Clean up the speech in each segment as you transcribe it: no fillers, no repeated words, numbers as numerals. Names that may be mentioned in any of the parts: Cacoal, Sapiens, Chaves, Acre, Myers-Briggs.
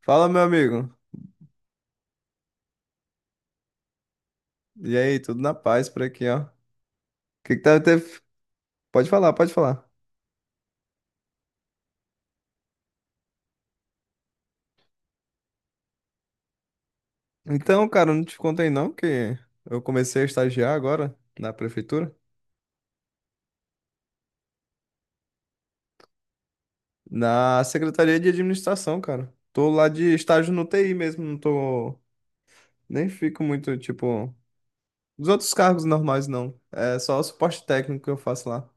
Fala, meu amigo. E aí, tudo na paz por aqui, ó. O que que tá até... Pode falar, pode falar. Então, cara, eu não te contei não que eu comecei a estagiar agora na prefeitura, na Secretaria de Administração, cara. Tô lá de estágio no TI mesmo, não tô nem fico muito tipo dos outros cargos normais não. É só o suporte técnico que eu faço lá.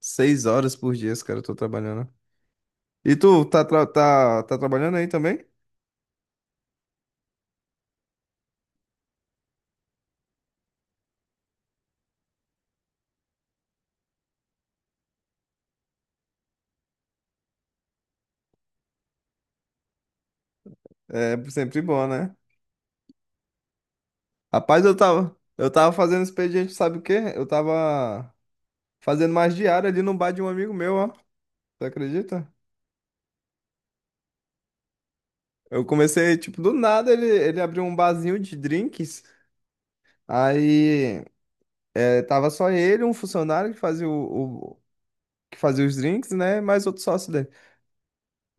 6 horas por dia, cara, eu tô trabalhando. E tu tá trabalhando aí também? É sempre bom, né? Rapaz, eu tava fazendo expediente, sabe o quê? Eu tava fazendo mais diária ali no bar de um amigo meu, ó. Você acredita? Eu comecei, tipo, do nada ele abriu um barzinho de drinks. Aí tava só ele, um funcionário que fazia que fazia os drinks, né? Mais outro sócio dele.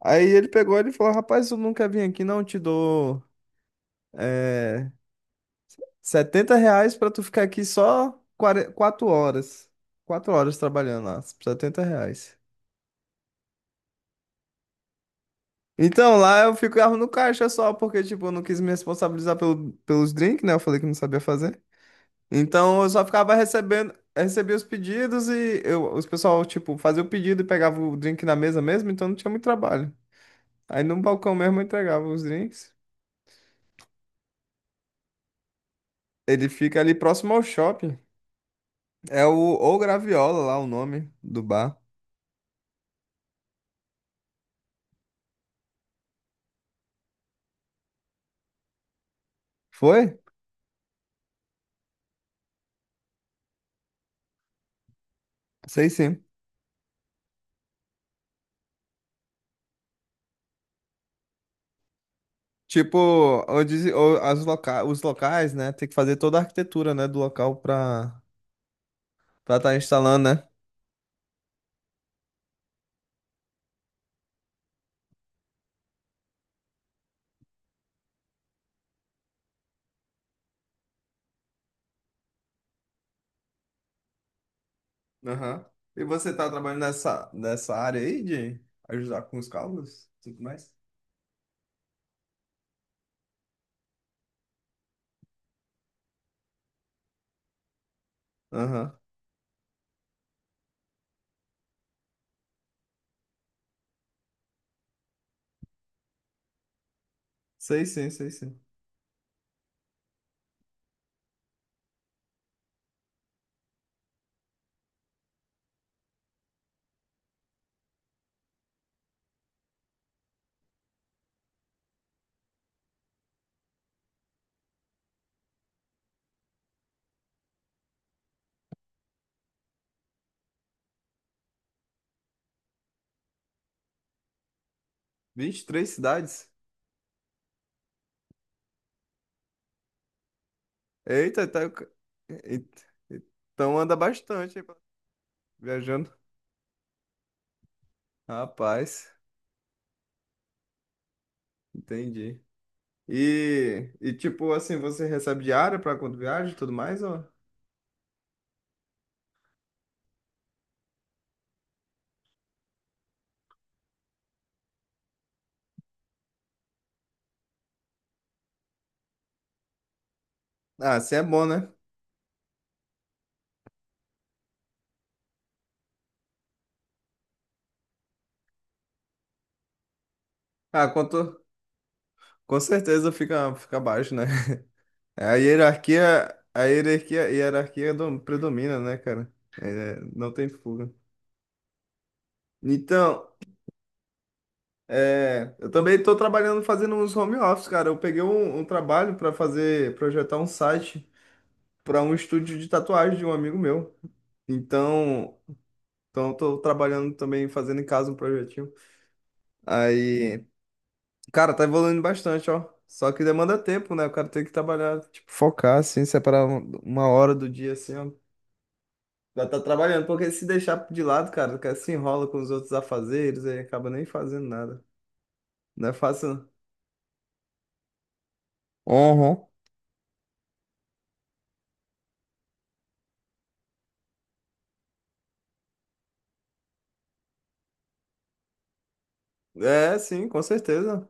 Aí ele pegou ele e falou: Rapaz, tu nunca vim aqui, não? Te dou é, R$ 70 pra tu ficar aqui só 4 horas. 4 horas trabalhando lá, R$ 70. Então, lá eu ficava no caixa só, porque, tipo, eu não quis me responsabilizar pelo, pelos drinks, né? Eu falei que não sabia fazer. Então, eu só ficava recebendo, recebia os pedidos e eu, os pessoal, tipo, fazia o pedido e pegava o drink na mesa mesmo, então não tinha muito trabalho. Aí no balcão mesmo eu entregava os drinks. Ele fica ali próximo ao shopping. É o O Graviola lá, o nome do bar. Foi? Sei sim. Tipo, onde, ou os locais, né? Tem que fazer toda a arquitetura, né, do local pra estar tá instalando, né? Aham. E você tá trabalhando nessa área aí de ajudar com os cálculos e tudo mais? Aham. Sei sim, sei sim. 23 cidades? Eita, tá. Eita, então anda bastante aí, viajando. Rapaz, entendi. E tipo assim, você recebe diária pra quando viaja e tudo mais? Ou? Ah, assim é bom, né? Ah, quanto, com certeza fica baixo, né? A hierarquia, a hierarquia predomina, né, cara? É, não tem fuga. Então, eu também estou trabalhando fazendo uns home office, cara. Eu peguei um trabalho para fazer, projetar um site para um estúdio de tatuagem de um amigo meu. Então, então, estou trabalhando também fazendo em casa um projetinho. Aí, cara, tá evoluindo bastante, ó. Só que demanda tempo, né? O cara tem que trabalhar, tipo, focar, assim, separar uma hora do dia, assim, ó. Já tá trabalhando, porque se deixar de lado, cara, que se enrola com os outros afazeres aí acaba nem fazendo nada. Não é fácil. Uhum. Não. É, sim, com certeza.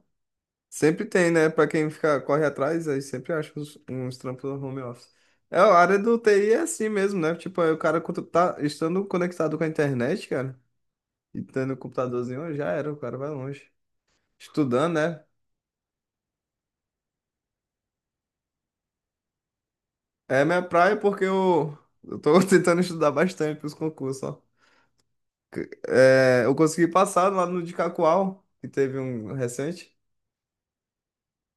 Sempre tem, né? Pra quem fica, corre atrás, aí sempre acha uns trampos no home office. É, a área do TI é assim mesmo, né? Tipo, aí o cara quando tá estando conectado com a internet, cara, e tendo um computadorzinho, já era, o cara vai longe. Estudando, né? É minha praia porque eu tô tentando estudar bastante pros concursos, ó. É, eu consegui passar lá no de Cacoal, que teve um recente.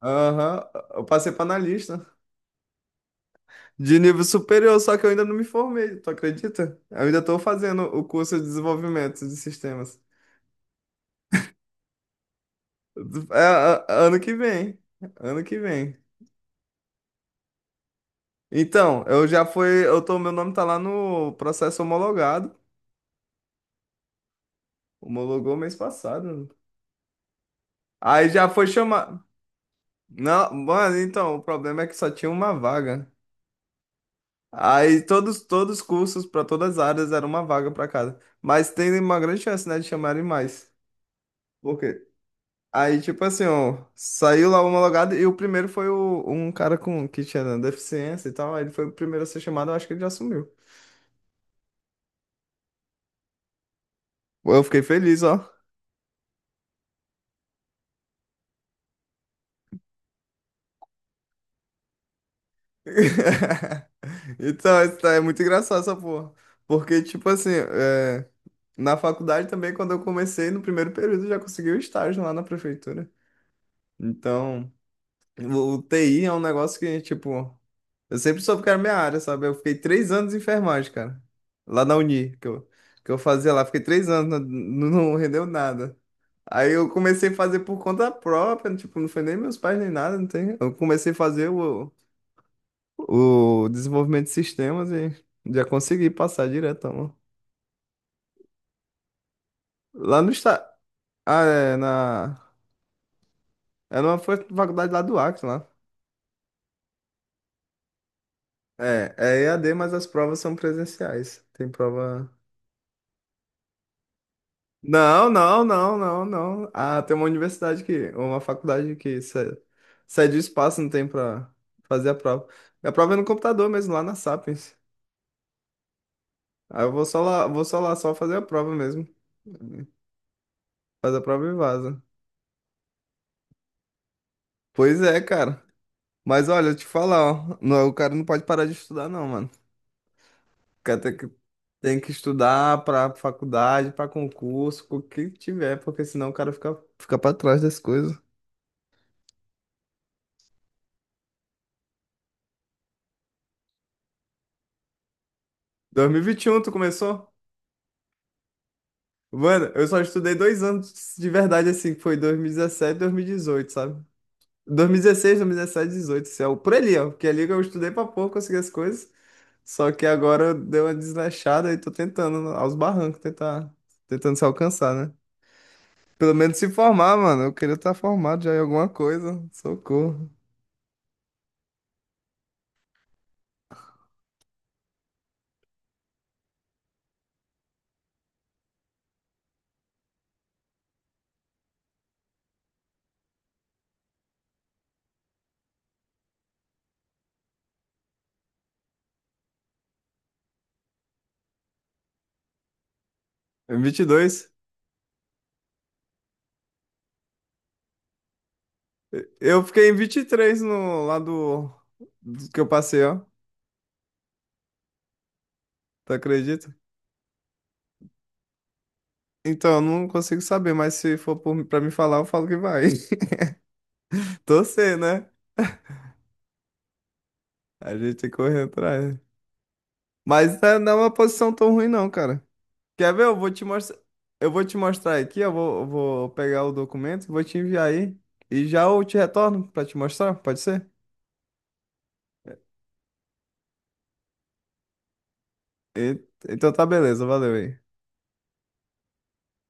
Aham, eu passei para analista. De nível superior, só que eu ainda não me formei, tu acredita? Eu ainda estou fazendo o curso de desenvolvimento de sistemas. É, ano que vem, ano que vem. Então, eu já fui, eu tô, meu nome tá lá no processo homologado, homologou mês passado. Aí já foi chamar. Não, mano, então, o problema é que só tinha uma vaga. Aí todos os cursos para todas as áreas era uma vaga para cada. Mas tem uma grande chance, né, de chamarem mais. Por quê? Aí, tipo assim, ó, saiu lá o homologado e o primeiro foi um cara com que tinha deficiência e tal. Aí ele foi o primeiro a ser chamado, eu acho que ele já assumiu. Pô, eu fiquei feliz, ó. Então, isso é muito engraçado essa porra. Porque, tipo assim, na faculdade também, quando eu comecei, no primeiro período, eu já consegui o estágio lá na prefeitura. Então. O TI é um negócio que, tipo, eu sempre soube que era minha área, sabe? Eu fiquei 3 anos em enfermagem, cara. Lá na Uni, que eu fazia lá. Fiquei 3 anos, não, não rendeu nada. Aí eu comecei a fazer por conta própria, tipo, não foi nem meus pais nem nada, não tem. Eu comecei a fazer o desenvolvimento de sistemas e já consegui passar direto, mano. Lá no está, ah, é, na, é numa faculdade lá do Acre, lá. É, EAD, mas as provas são presenciais. Tem prova. Não, não, não, não, não. Ah, tem uma universidade que, uma faculdade que cede o espaço, não tem pra fazer a prova. A prova é no computador mesmo, lá na Sapiens. Aí eu vou só lá só fazer a prova mesmo. Faz a prova e vaza. Pois é, cara. Mas olha, eu te falar, ó, não, o cara não pode parar de estudar, não, mano. O cara tem que estudar pra faculdade, pra concurso, com o que tiver, porque senão o cara fica pra trás das coisas. 2021, tu começou? Mano, eu só estudei 2 anos de verdade, assim, que foi 2017, 2018, sabe? 2016, 2017, 2018, assim, ó, por ali, ó. Porque ali que eu estudei pra pouco, consegui as coisas. Só que agora deu uma desleixada e tô tentando, aos barrancos, tentar, tentando se alcançar, né? Pelo menos se formar, mano. Eu queria estar formado já em alguma coisa. Socorro. Em 22. Eu fiquei em 23 no lado do que eu passei, ó. Tu acredita? Então, eu não consigo saber, mas se for por, pra me falar, eu falo que vai. Torcer, né? A gente tem que correr atrás. Mas não é uma posição tão ruim, não, cara. Quer ver? Eu vou te mostrar. Eu vou te mostrar aqui, eu vou pegar o documento, vou te enviar aí. E já eu te retorno pra te mostrar, pode ser? E- então tá beleza, valeu aí.